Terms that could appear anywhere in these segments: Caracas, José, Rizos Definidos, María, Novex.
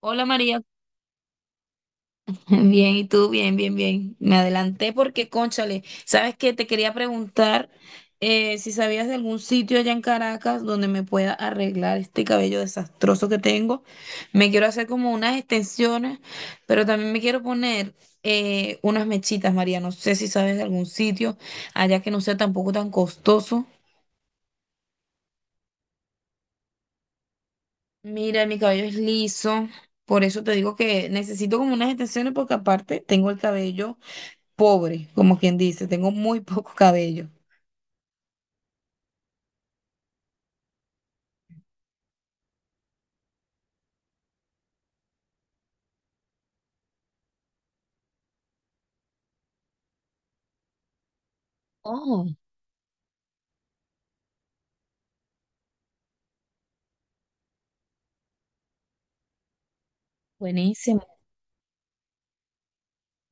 Hola María, bien, ¿y tú? Bien, bien, bien. Me adelanté porque, cónchale, sabes que te quería preguntar si sabías de algún sitio allá en Caracas donde me pueda arreglar este cabello desastroso que tengo. Me quiero hacer como unas extensiones, pero también me quiero poner unas mechitas, María. No sé si sabes de algún sitio allá que no sea tampoco tan costoso. Mira, mi cabello es liso, por eso te digo que necesito como unas extensiones porque aparte tengo el cabello, pobre, como quien dice, tengo muy poco cabello. Oh, buenísimo.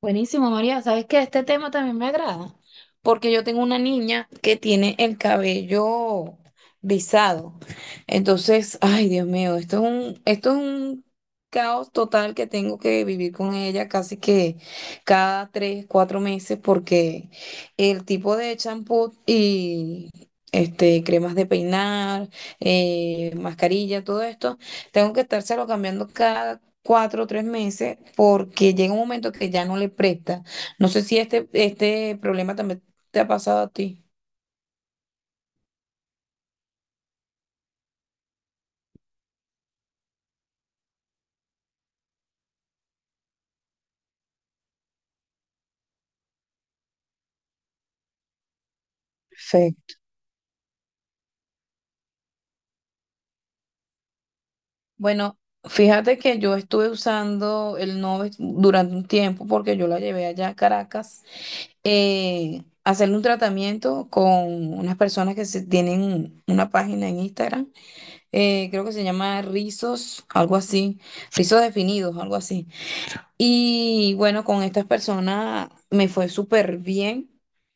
Buenísimo, María. ¿Sabes qué? Este tema también me agrada, porque yo tengo una niña que tiene el cabello rizado. Entonces, ay, Dios mío, esto es un caos total que tengo que vivir con ella casi que cada 3, 4 meses, porque el tipo de champú y cremas de peinar, mascarilla, todo esto, tengo que estárselo cambiando cada 4 o 3 meses porque llega un momento que ya no le presta. No sé si este problema también te ha pasado a ti. Sí. Bueno, fíjate que yo estuve usando el Novex durante un tiempo porque yo la llevé allá a Caracas a hacerle un tratamiento con unas personas que se tienen una página en Instagram, creo que se llama Rizos, algo así, Rizos Definidos, algo así. Y bueno, con estas personas me fue súper bien.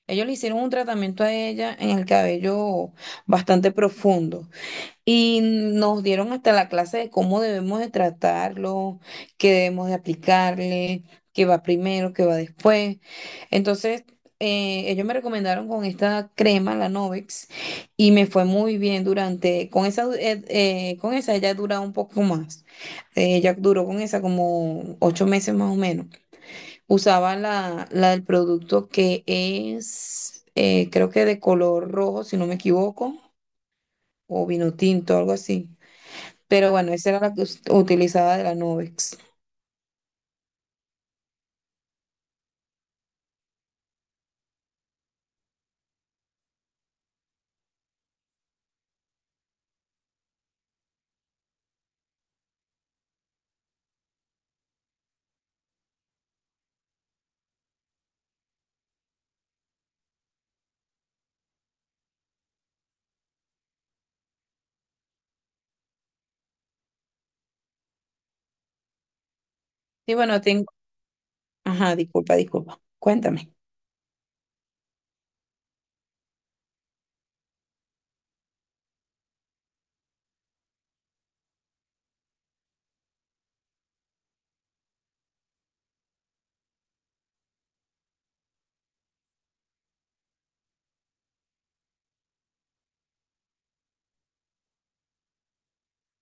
Ellos le hicieron un tratamiento a ella en el cabello bastante profundo. Y nos dieron hasta la clase de cómo debemos de tratarlo, qué debemos de aplicarle, qué va primero, qué va después. Entonces, ellos me recomendaron con esta crema, la Novex, y me fue muy bien durante, con esa, con esa ella dura un poco más. Ella duró con esa como 8 meses más o menos. Usaba la del producto que es, creo que de color rojo, si no me equivoco, o vino tinto, algo así. Pero bueno, esa era la que utilizaba de la Nubex. Y bueno, tengo... Ajá, disculpa, disculpa. Cuéntame.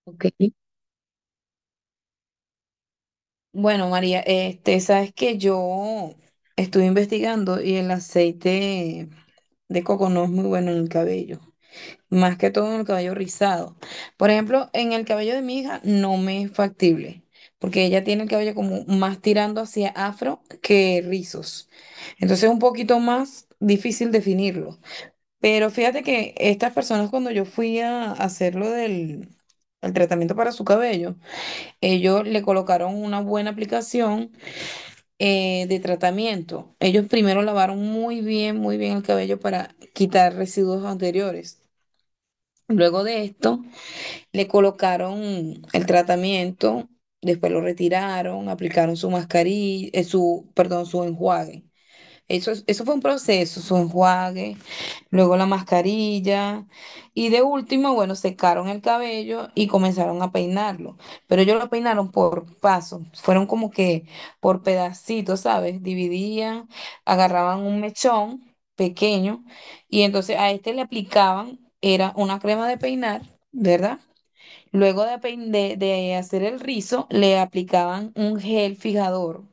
Ok. Bueno, María, sabes que yo estuve investigando y el aceite de coco no es muy bueno en el cabello, más que todo en el cabello rizado. Por ejemplo, en el cabello de mi hija no me es factible, porque ella tiene el cabello como más tirando hacia afro que rizos. Entonces es un poquito más difícil definirlo. Pero fíjate que estas personas cuando yo fui a hacerlo del el tratamiento para su cabello, ellos le colocaron una buena aplicación de tratamiento. Ellos primero lavaron muy bien el cabello para quitar residuos anteriores. Luego de esto, le colocaron el tratamiento, después lo retiraron, aplicaron su mascarilla, su, perdón, su enjuague. Eso, eso fue un proceso, su enjuague, luego la mascarilla y de último, bueno, secaron el cabello y comenzaron a peinarlo. Pero ellos lo peinaron por pasos, fueron como que por pedacitos, ¿sabes? Dividían, agarraban un mechón pequeño y entonces a este le aplicaban, era una crema de peinar, ¿verdad? Luego de, pein- de hacer el rizo, le aplicaban un gel fijador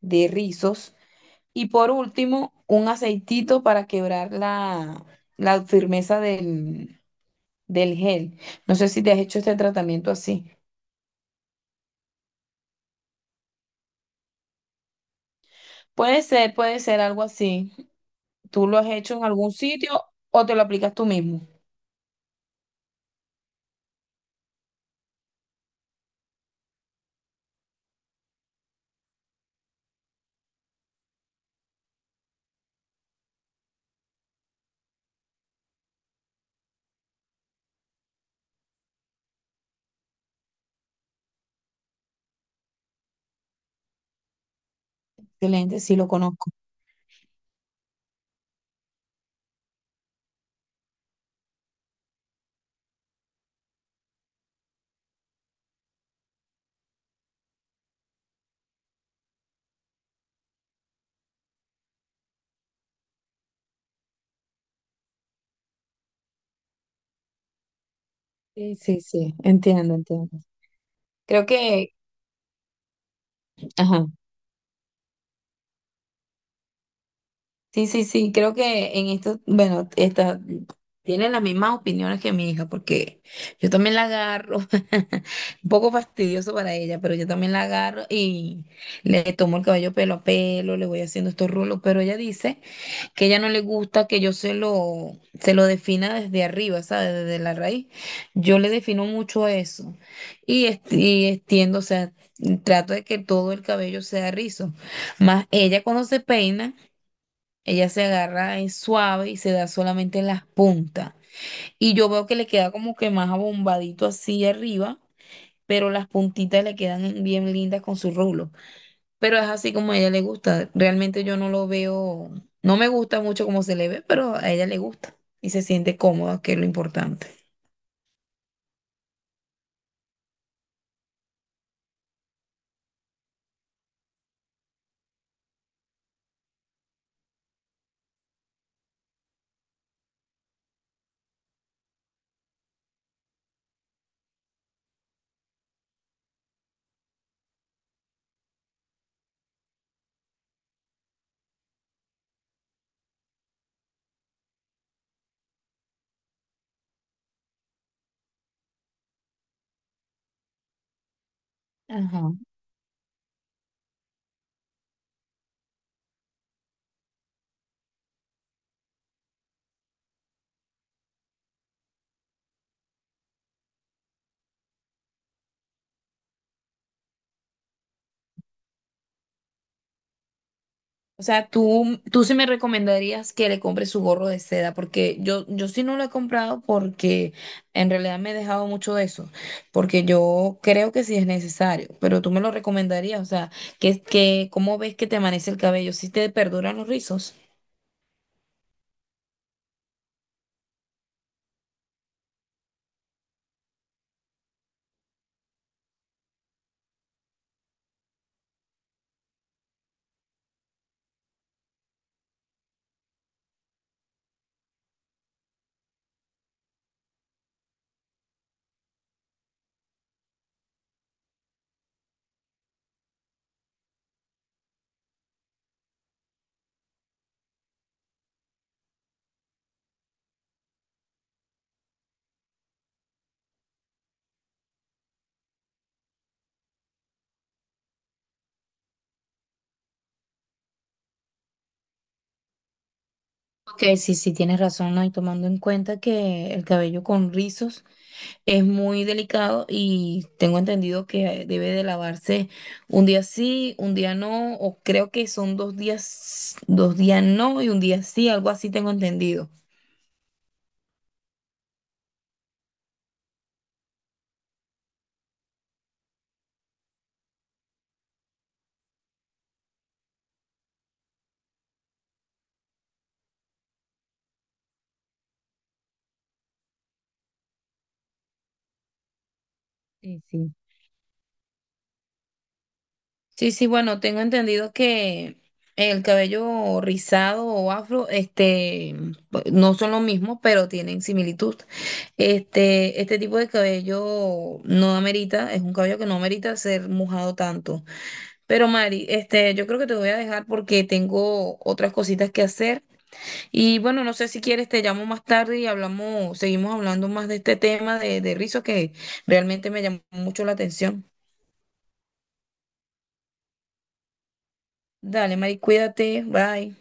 de rizos y por último, un aceitito para quebrar la firmeza del gel. No sé si te has hecho este tratamiento así. Puede ser algo así. ¿Tú lo has hecho en algún sitio o te lo aplicas tú mismo? Excelente, sí lo conozco. Sí, sí, sí, entiendo, entiendo. Creo que, ajá. Sí, sí, sí, creo que en esto, bueno, esta, tiene las mismas opiniones que mi hija, porque yo también la agarro, un poco fastidioso para ella, pero yo también la agarro y le tomo el cabello pelo a pelo, le voy haciendo estos rulos, pero ella dice que ella no le gusta que yo se lo defina desde arriba, ¿sabes? Desde la raíz. Yo le defino mucho eso y extiendo, o sea, trato de que todo el cabello sea rizo, más ella cuando se peina. Ella se agarra es suave y se da solamente en las puntas. Y yo veo que le queda como que más abombadito así arriba, pero las puntitas le quedan bien lindas con su rulo. Pero es así como a ella le gusta. Realmente yo no lo veo, no me gusta mucho cómo se le ve, pero a ella le gusta y se siente cómoda, que es lo importante. Ajá. O sea, tú sí me recomendarías que le compre su gorro de seda, porque yo sí no lo he comprado porque en realidad me he dejado mucho de eso, porque yo creo que sí es necesario, pero tú me lo recomendarías, o sea, que, ¿cómo ves que te amanece el cabello? ¿Si te perduran los rizos? Ok, sí, sí, tienes razón, ¿no? Y tomando en cuenta que el cabello con rizos es muy delicado y tengo entendido que debe de lavarse un día sí, un día no, o creo que son 2 días, 2 días no y un día sí, algo así tengo entendido. Sí, sí. Sí, sí, bueno, tengo entendido que el cabello rizado o afro, este, no son lo mismo, pero tienen similitud. Este tipo de cabello no amerita, es un cabello que no amerita ser mojado tanto. Pero Mari, yo creo que te voy a dejar porque tengo otras cositas que hacer. Y bueno, no sé si quieres, te llamo más tarde y hablamos, seguimos hablando más de este tema de, rizos que realmente me llamó mucho la atención. Dale, Mari, cuídate, bye.